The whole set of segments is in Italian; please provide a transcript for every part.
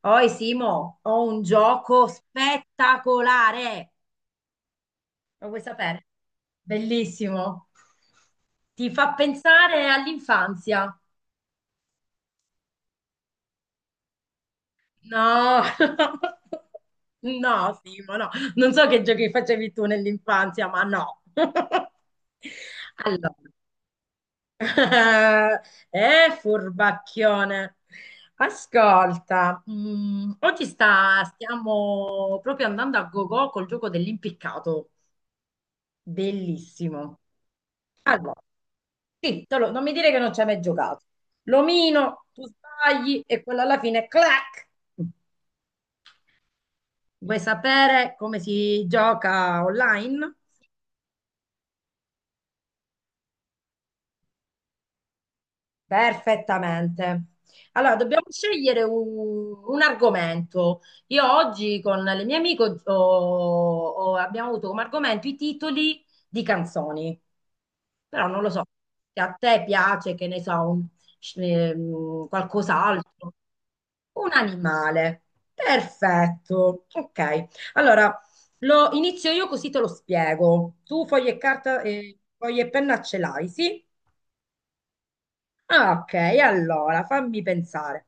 Poi Simo, ho un gioco spettacolare, lo vuoi sapere? Bellissimo, ti fa pensare all'infanzia. No, no Simo, no, non so che giochi facevi tu nell'infanzia, ma no. Allora, furbacchione. Ascolta, oggi stiamo proprio andando a go-go col gioco dell'impiccato. Bellissimo. Allora, sì, non mi dire che non ci hai mai giocato. L'omino, tu sbagli e quello alla fine, clac! Vuoi sapere come si gioca online? Perfettamente. Allora, dobbiamo scegliere un argomento. Io oggi con le mie amiche abbiamo avuto come argomento i titoli di canzoni. Però non lo so, se a te piace, che ne so, qualcos'altro. Un animale. Perfetto. Ok. Allora, lo inizio io così te lo spiego. Tu foglie e carta, foglie e penna ce l'hai, sì? Ah, ok, allora fammi pensare.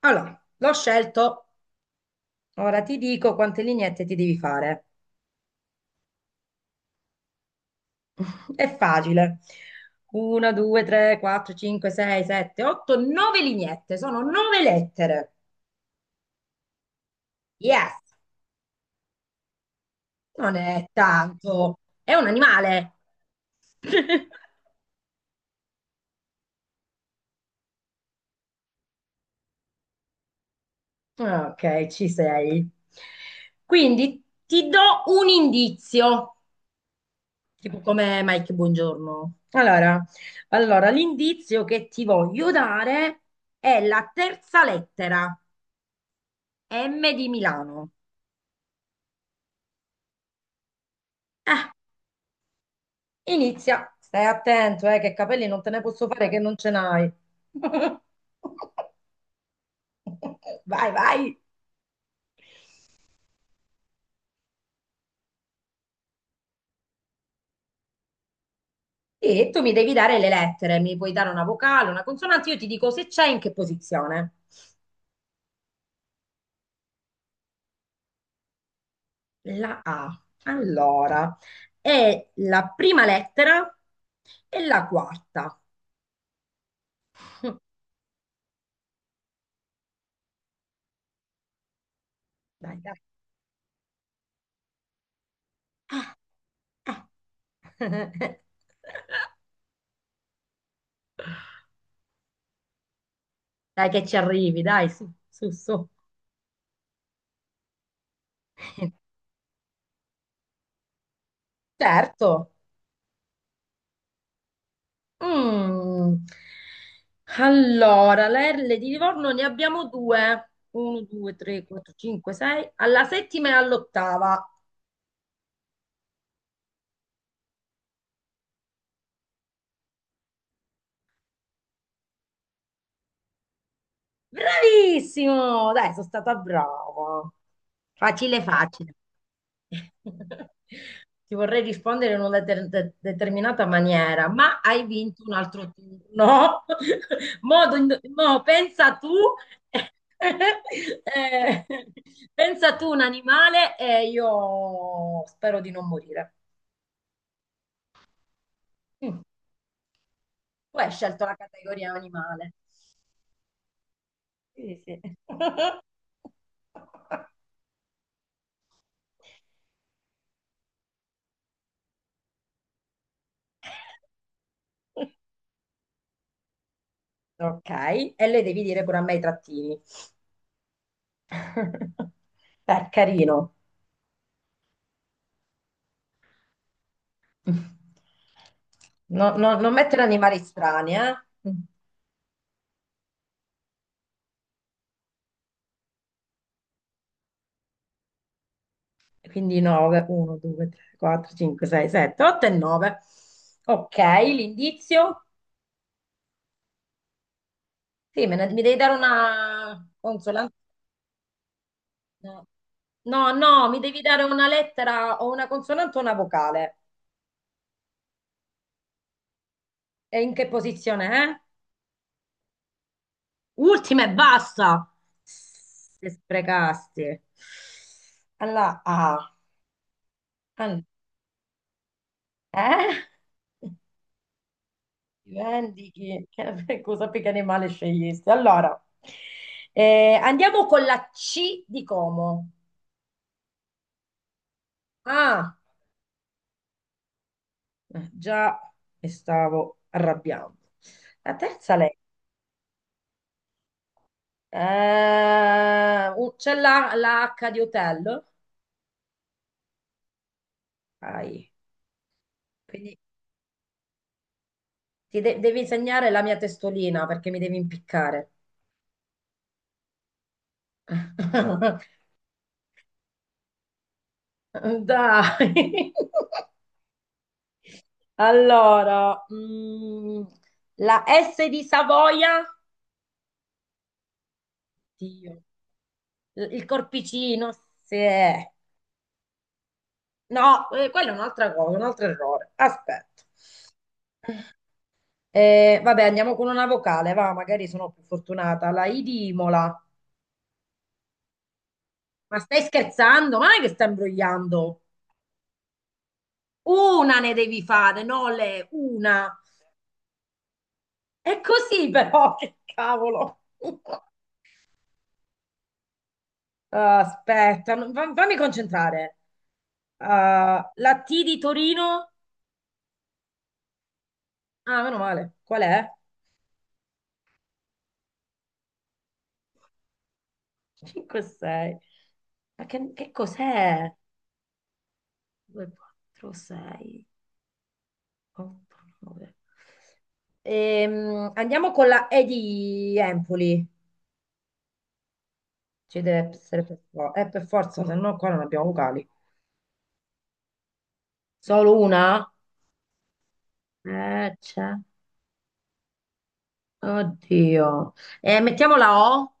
Allora, l'ho scelto. Ora ti dico quante lineette ti devi fare. È facile. 1, 2, 3, 4, 5, 6, 7, 8, 9 lineette. Sono 9 lettere. Yes, non è tanto. È un animale. Ok, ci sei. Quindi ti do un indizio, tipo come Mike, buongiorno. Allora, allora, l'indizio che ti voglio dare è la terza lettera, M di Milano. Inizia, stai attento, che capelli non te ne posso fare che non ce n'hai. Vai, vai. E tu mi devi dare le lettere, mi puoi dare una vocale, una consonante, io ti dico se c'è in che posizione. La A. Allora, è la prima lettera e la quarta. Dai, dai. Eh. Dai che ci arrivi, dai, su, su, su. Certo. Mm. Allora, le erle di Livorno ne abbiamo due. 1, 2, 3, 4, 5, 6. Alla settima e all'ottava. Bravissimo! Dai, sono stata brava. Facile, facile. Ti vorrei rispondere in una determinata maniera, ma hai vinto un altro turno. Mo, mo, pensa tu, eh, pensa tu un animale e io spero di non morire. Mm, tu hai scelto la categoria animale. Sì, sì. Ok, e lei devi dire pure a me i trattini. Beh, carino. Non mettere animali strani, eh? Quindi 9, 1, 2, 3, 4, 5, 6, 7, 8 e 9. Ok, l'indizio? Sì, mi devi dare una consonante. No, no, mi devi dare una lettera o una consonante o una vocale. E in che posizione è? Ultima e basta. Se sprecasti. Alla A. Eh? Dimentichi, che cosa che animale scegliesti? Allora, andiamo con la C di Como. Ah, già mi stavo arrabbiando. La terza lei. C'è la H di hotel. Dai, quindi devi insegnare la mia testolina perché mi devi impiccare. Dai. Allora, mm, la S di Savoia, Dio, il corpicino, se... No, quella è un'altra cosa, un altro errore. Aspetta. Vabbè, andiamo con una vocale, va, magari sono più fortunata. La I di Imola. Ma stai scherzando? Ma non è che stai imbrogliando? Una ne devi fare, no le, una. È così però, che cavolo. Ah, aspetta, fammi concentrare. Ah, la T di Torino? Ah, meno male. Qual è? 5, 6. Ma che cos'è? 2, 4, 6, 8, 9. Andiamo con la E di Empoli. Ci deve essere per forza, se no qua non abbiamo vocali. Solo una? C'è. Oddio. Mettiamo la O.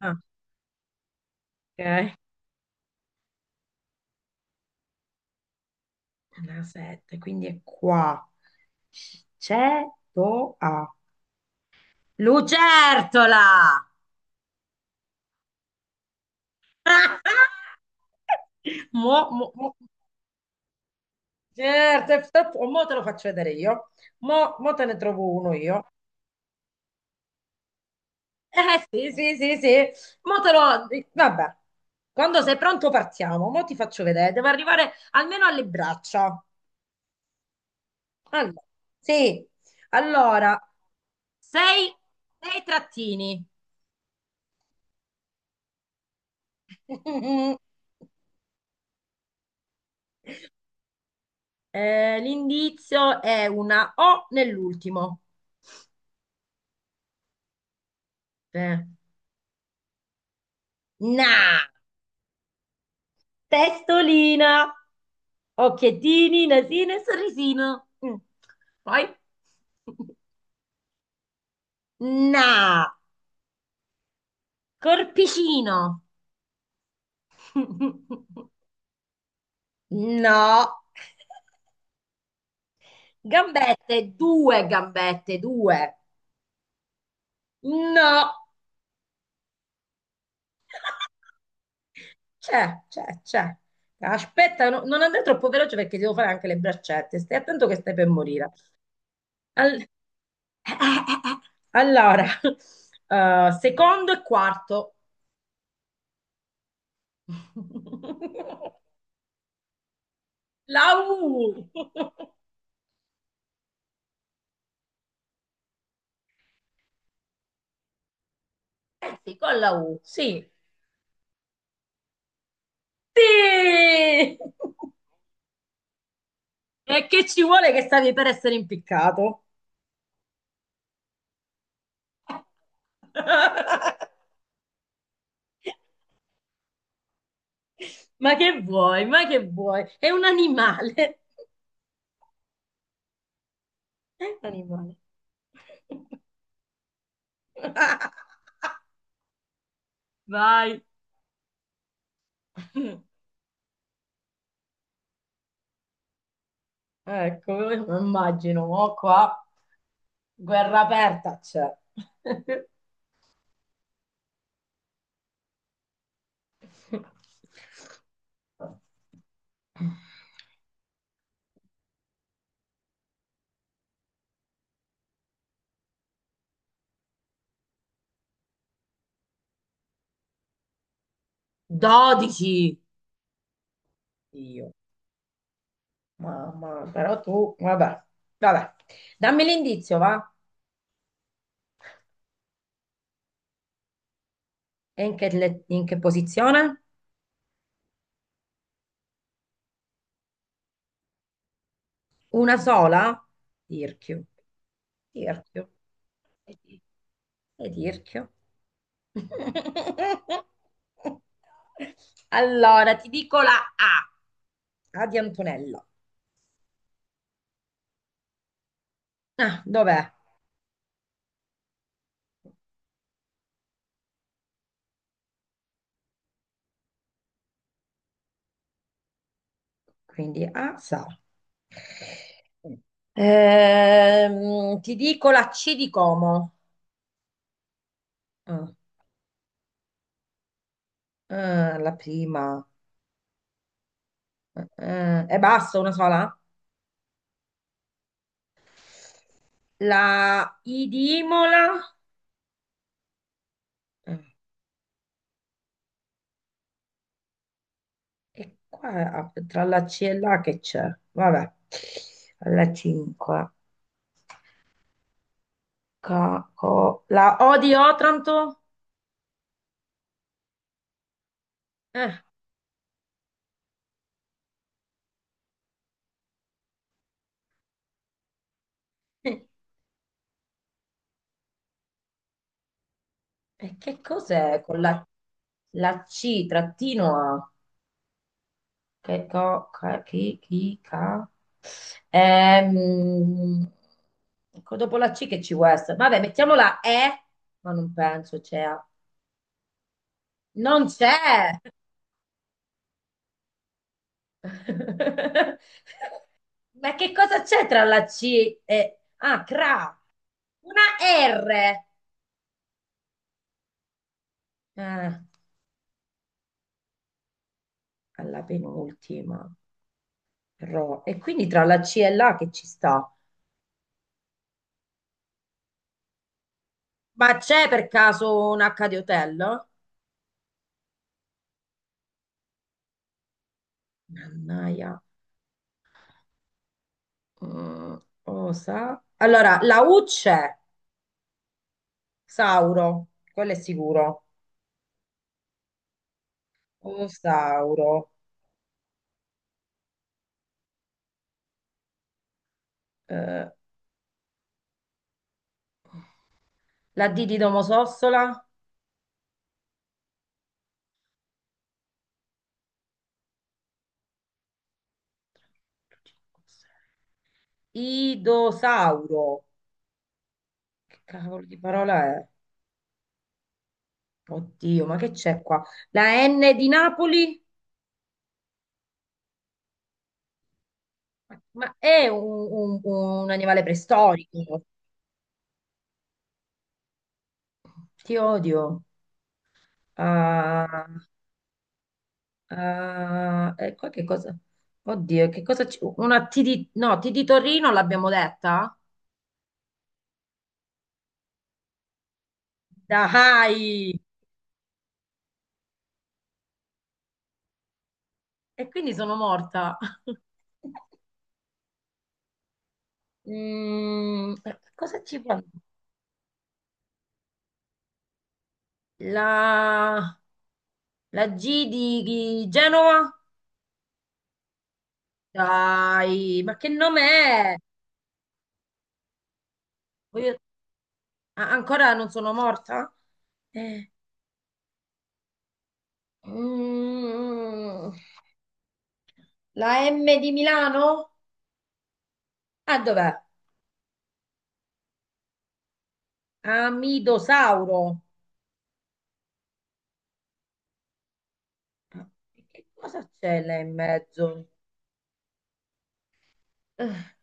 Ah, ok. La 7, quindi è qua. Cetoa. Lucertola! Mo, mo, mo- certo, e mo te lo faccio vedere io. Mo, mo te ne trovo uno io. Eh sì, sì, sì, sì. Mo te lo... Vabbè. Quando sei pronto partiamo. Mo ti faccio vedere. Devo arrivare almeno alle braccia. Allora, sì. Allora, sei, sei trattini. L'indizio è una O nell'ultimo. Eh, Na, testolina, occhiettini, nasino e sorrisino. Mm. Poi, na, corpicino. No, gambette, due gambette, due. No, c'è, c'è, c'è. Aspetta, non andare troppo veloce perché devo fare anche le braccette. Stai attento che stai per morire. Al- eh, eh. Allora, secondo e quarto. La U. Sì, con la U. Sì. Sì! E che ci vuole che stavi per essere impiccato? Ma che vuoi? Ma che vuoi? È un animale. È un animale. Vai. Ecco, io me lo immagino, mo qua guerra aperta c'è. Dodici. Dio, mamma, però tu, vabbè, vabbè. Dammi l'indizio, va? E in che, in che posizione? Una sola? Tirchio, tirchio, e e tirchio. Allora, ti dico la A, A di Antonella. Ah, dov'è? Quindi A sa. Mm. Ti dico la C di Como. Ah, ah, la prima. E basta, una sola? La I di Imola. Eh, e qua ah, tra la C e la che c'è? Vabbè. La 5. La O di Otranto? Eh, eh, e che cos'è con la, la C trattino A? Che co, ca, chi, chi, ca. Ehm, dopo la C che ci può essere? Vabbè, mettiamo la E, ma non penso c'è. A. Non c'è! Ma che cosa c'è tra la C e... Ah, cra. Una R. Eh, alla penultima. Ro. E quindi tra la C e l'A che ci sta? Ma c'è per caso un H di hotel? Mannaia. Mm, osa. Allora, la U c'è, Sauro, quello è sicuro. Osauro. Eh, la D di Domodossola? Idosauro. Che cavolo di parola è? Oddio, ma che c'è qua? La N di Napoli? Ma è un animale preistorico. Ti odio. Ah, ecco che cosa. Oddio, che cosa ci- Una T di... No, T di Torino l'abbiamo detta? Dai! E quindi sono morta. Mm, cosa ci può... La... La G di Genova? Dai, ma che nome è? Voglio- Ancora non sono morta? Eh, mm, la M di Milano? Ah, dov'è? Amidosauro. Ah, e che cosa c'è là in mezzo? Eh,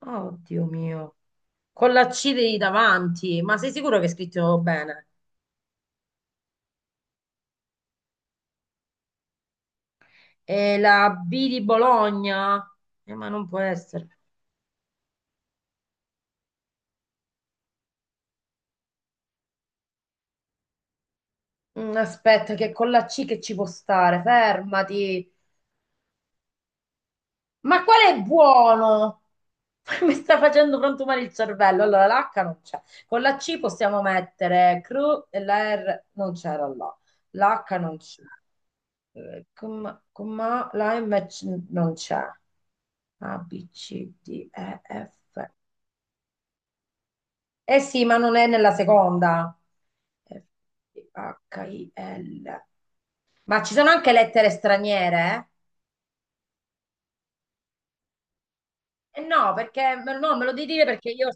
Oddio mio. Con la C di davanti, ma sei sicuro che è scritto bene? E la B di Bologna? Ma non può essere. Mm, aspetta, che con la C che ci può stare? Fermati. Ma qual è buono? Mi sta facendo frantumare il cervello. Allora, l'H non c'è. Con la C possiamo mettere cru e la R non c'era là. L'H non c'è. Eh, ma là invece non c'è. A, B, C, D, E, F. Eh sì, ma non è nella seconda. F, G, H, I, L. Ma ci sono anche lettere straniere? Eh no, perché no, me lo devi dire perché io.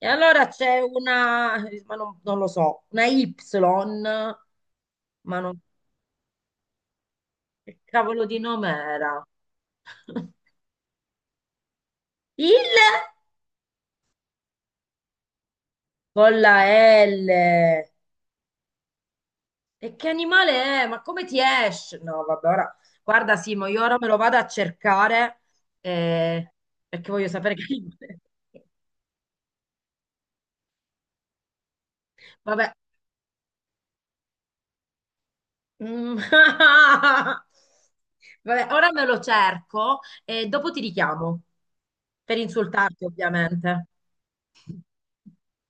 E allora c'è una, ma non, non lo so, una Y, ma non. Che cavolo di nome era? Il con la L. E che animale è? Ma come ti esce? No, vabbè, ora guarda Simo, io ora me lo vado a cercare eh, perché voglio sapere che animale è. Vabbè. Mm. Vabbè, ora me lo cerco e dopo ti richiamo per insultarti, ovviamente.